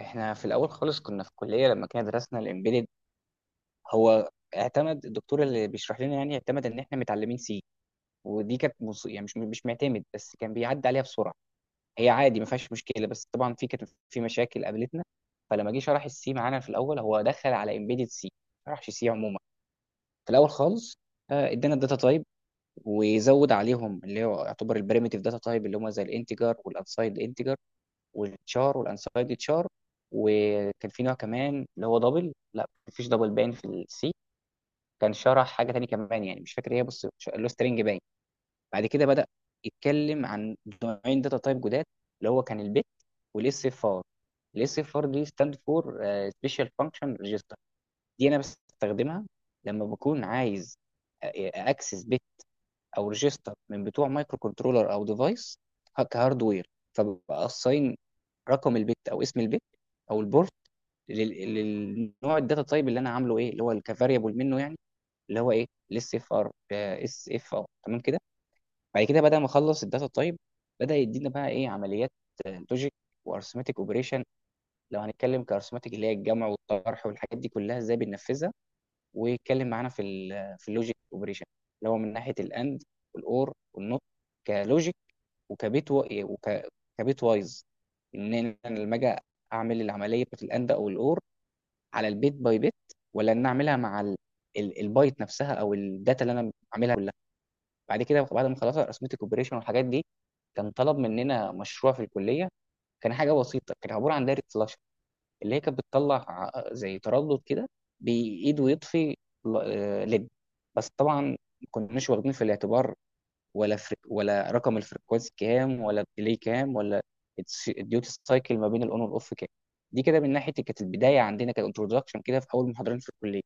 احنا في الاول خالص كنا في الكليه لما كنا درسنا الامبيدد. هو اعتمد الدكتور اللي بيشرح لنا، يعني اعتمد ان احنا متعلمين سي. ودي كانت يعني مش معتمد، بس كان بيعدي عليها بسرعه. هي عادي ما فيهاش مشكله، بس طبعا كانت في مشاكل قابلتنا. فلما جه شرح السي معانا في الاول، هو دخل على امبيدد سي، ما شرحش سي عموما في الاول خالص. ادانا الداتا تايب، وزود عليهم اللي هو يعتبر البريمتيف داتا تايب، اللي هم زي الانتجر والانسايد انتجر والتشار والانسايد تشار. وكان في نوع كمان اللي هو دبل، لا مفيش دبل باين في السي. كان شرح حاجه تانية كمان، يعني مش فاكر ايه، بص اللي هو سترينج باين. بعد كده بدا يتكلم عن نوعين داتا تايب جداد، اللي هو كان البت والاس اف ار. الاس اف ار دي ستاند فور سبيشال فانكشن ريجستر. دي انا بستخدمها لما بكون عايز اكسس بت او ريجستر من بتوع مايكرو كنترولر او ديفايس كهاردوير. فبقى رقم البت او اسم البت او البورت للنوع الداتا تايب اللي انا عامله، ايه اللي هو كفاريبل منه يعني، اللي هو ايه الاس اف ار اس اف ار، تمام كده. بعد كده بعد ما اخلص الداتا تايب، بدا يدينا بقى ايه عمليات لوجيك وارثماتيك اوبريشن. لو هنتكلم كارثماتيك، اللي هي الجمع والطرح والحاجات دي كلها، ازاي بننفذها. ويتكلم معانا في ال في اللوجيك اوبريشن، اللي هو من ناحيه الاند والاور والنوت كلوجيك، وكبيت و... إيه، وك... كبيت وايز. ان انا لما اجي اعمل العمليه بتاعت الاند او الاور على البيت باي بيت، ولا ان اعملها مع البايت نفسها او الداتا اللي انا بعملها كلها. بعد كده بعد ما خلصت ارثمتك اوبريشن والحاجات دي، كان طلب مننا مشروع في الكليه. كان حاجه بسيطه، كان عباره عن دايره فلاش، اللي هي كانت بتطلع زي تردد كده، بايد ويطفي، ليد. بس طبعا ما كناش واخدين في الاعتبار ولا ولا رقم الفريكونسي كام، ولا الديلي كام، ولا الديوتي سايكل ما بين الاون والاوف كام. دي كده من ناحيه كانت البدايه عندنا، كانترودكشن كده في اول محاضرين في الكليه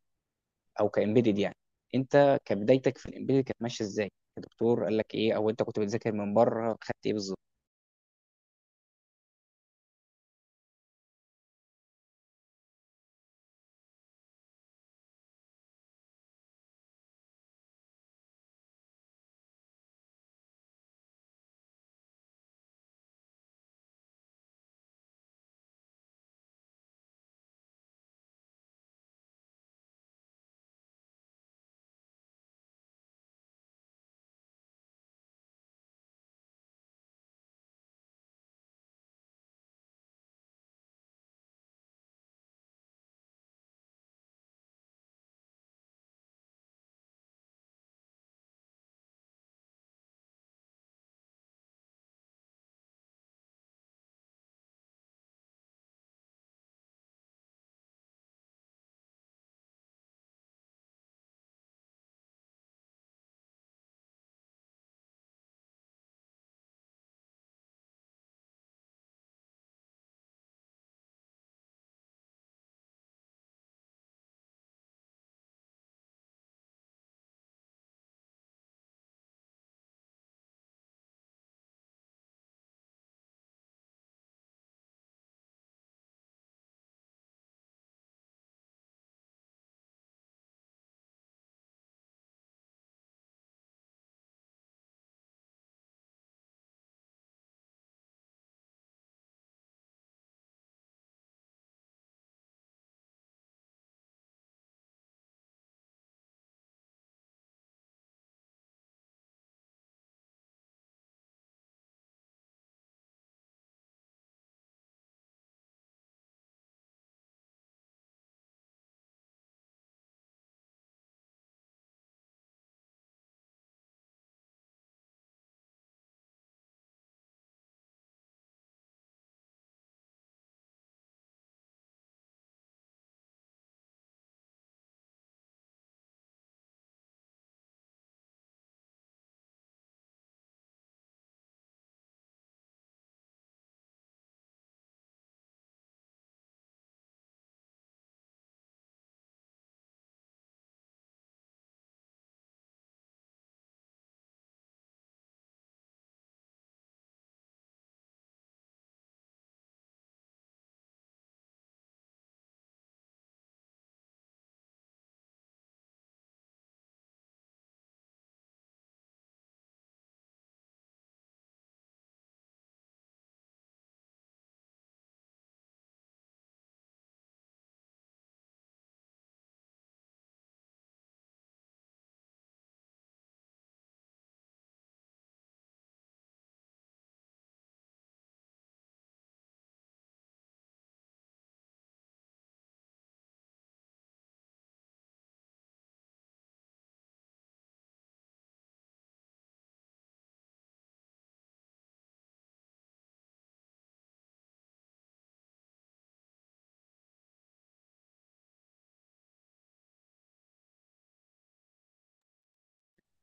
او كامبيدد يعني. انت كبدايتك في الامبيدد كانت ماشيه ازاي؟ الدكتور قال لك ايه، او انت كنت بتذاكر من بره خدت ايه بالظبط؟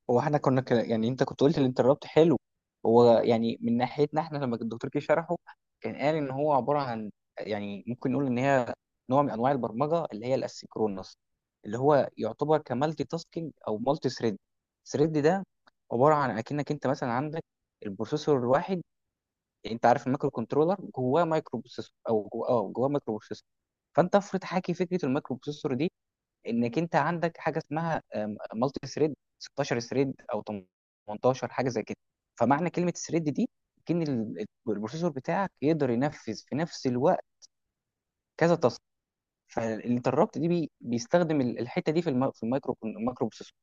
هو احنا كنا يعني انت كنت قلت الانترابت حلو. هو يعني من ناحيتنا احنا لما الدكتور كي شرحه، كان قال ان هو عباره عن، يعني ممكن نقول ان هي نوع من انواع البرمجه، اللي هي الاسيncronous، اللي هو يعتبر كمالتي تاسكينج او مالتي ثريد. ثريد ده عباره عن اكنك انت مثلا عندك البروسيسور الواحد. يعني انت عارف المايكرو كنترولر جواه مايكرو بروسيسور او جواه مايكرو بروسيسور. فانت افرض حاكي فكره المايكرو بروسيسور دي، انك انت عندك حاجه اسمها مالتي ثريد 16 ثريد او 18 حاجه زي كده. فمعنى كلمه ثريد دي، ان البروسيسور بتاعك يقدر ينفذ في نفس الوقت كذا تاسك. فالانتربت دي بيستخدم الحته دي في في المايكرو المايكرو بروسيسور،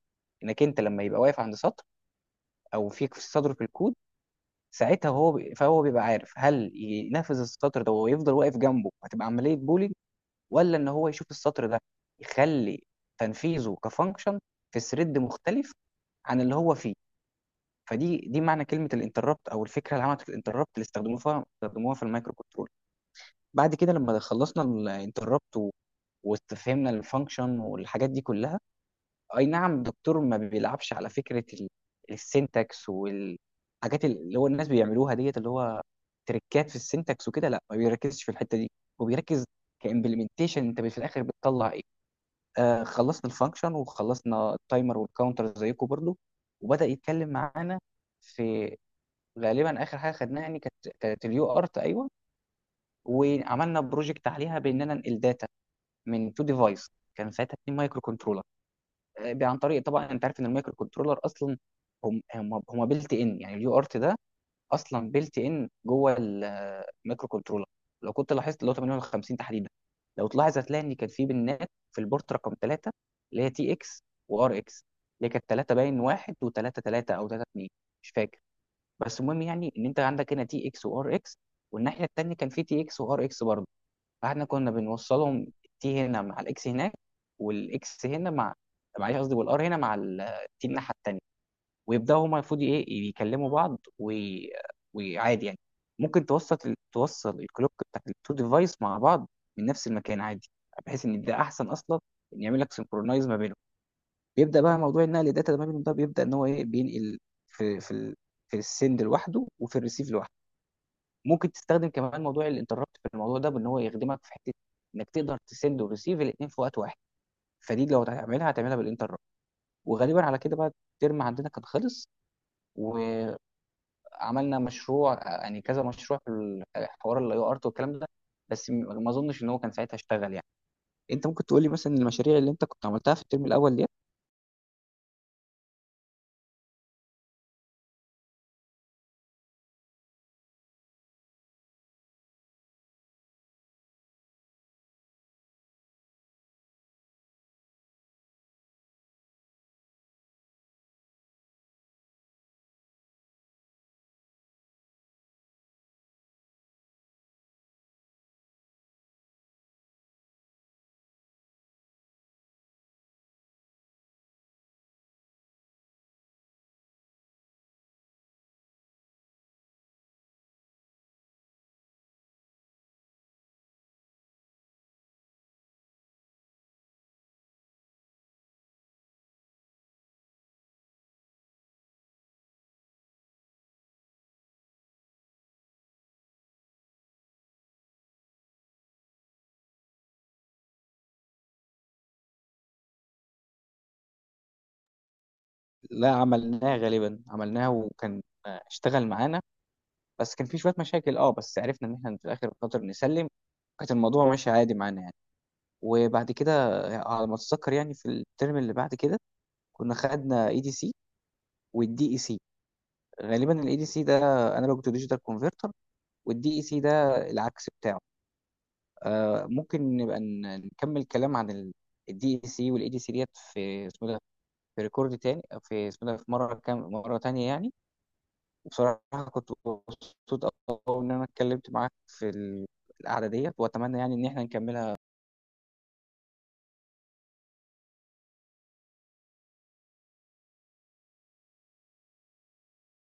انك انت لما يبقى واقف عند سطر او في سطر في الكود، ساعتها هو بي- فهو بيبقى عارف هل ينفذ السطر ده ويفضل واقف جنبه، هتبقى عمليه بولينج، ولا ان هو يشوف السطر ده يخلي تنفيذه كفانكشن في ثريد مختلف عن اللي هو فيه. فدي معنى كلمه الانتربت، او الفكره اللي عملت الانتربت، اللي استخدموها في المايكرو كنترول. بعد كده لما خلصنا الانتربت واستفهمنا الفانكشن والحاجات دي كلها، اي نعم الدكتور ما بيلعبش على فكره السنتكس والحاجات اللي هو الناس بيعملوها ديت، اللي هو تريكات في السنتكس وكده، لا ما بيركزش في الحته دي. هو بيركز كامبلمنتيشن انت في الاخر بتطلع ايه. خلصنا الفانكشن وخلصنا التايمر والكاونتر زيكم برضو. وبدأ يتكلم معانا في، غالبا اخر حاجه خدناها يعني كانت اليو ارت ايوه. وعملنا بروجكت عليها باننا ننقل داتا من تو ديفايس، كان ساعتها اتنين مايكرو كنترولر. عن طريق طبعا انت عارف ان المايكرو كنترولر اصلا هم بيلت ان، يعني اليو ارت ده اصلا بيلت ان جوه الميكرو كنترولر. لو كنت لاحظت اللي هو 5850 تحديدا، لو تلاحظ هتلاقي ان كان في بنات في البورت رقم 3، اللي هي تي اكس وار اكس، اللي كانت 3 باين 1 و3 3 او 3 2، مش فاكر. بس المهم يعني ان انت عندك هنا تي اكس وار اكس، والناحيه الثانيه كان في تي اكس وار اكس برضه. فاحنا كنا بنوصلهم تي هنا مع الاكس هناك، والاكس هنا مع، معلش قصدي والار هنا مع التي الناحيه التانيه. ويبداوا هما المفروض ايه يكلموا بعض وعادي يعني. ممكن توسط توصل الكلوك بتاعت التو ديفايس مع بعض من نفس المكان عادي، بحيث ان ده احسن اصلا، ان يعمل لك سنكرونايز ما بينهم. بيبدا بقى موضوع النقل الداتا ما بينهم ده، بيبدا ان هو ايه بينقل، في في السند لوحده وفي الريسيف لوحده. ممكن تستخدم كمان موضوع الانتربت في الموضوع ده، بان هو يخدمك في حته انك تقدر تسند وريسيف الاثنين في وقت واحد. فدي لو هتعملها هتعملها بالانتربت. وغالبا على كده بقى الترم عندنا كان خلص. و عملنا مشروع، يعني كذا مشروع في حوار الاي ارت والكلام ده، بس ما اظنش ان هو كان ساعتها اشتغل يعني. انت ممكن تقولي مثلا المشاريع اللي انت كنت عملتها في الترم الاول دي. لا عملناها، غالبا عملناها وكان اشتغل معانا. بس كان في شويه مشاكل اه، بس عرفنا ان احنا في الاخر خاطر نسلم، كانت الموضوع ماشي عادي معانا يعني. وبعد كده على ما اتذكر يعني في الترم اللي بعد كده كنا خدنا اي دي سي والدي اي سي. غالبا الاي دي سي ده انالوج تو ديجيتال كونفرتر، والدي اي سي ده العكس بتاعه. ممكن نبقى نكمل كلام عن الدي اي سي والاي دي سي ديت في اسمه ده، في ريكورد تاني في اسمه ده، في مره كام مره تانية يعني. وبصراحه كنت مبسوط قوي ان انا اتكلمت معاك في القعده ديت، واتمنى يعني ان احنا نكملها.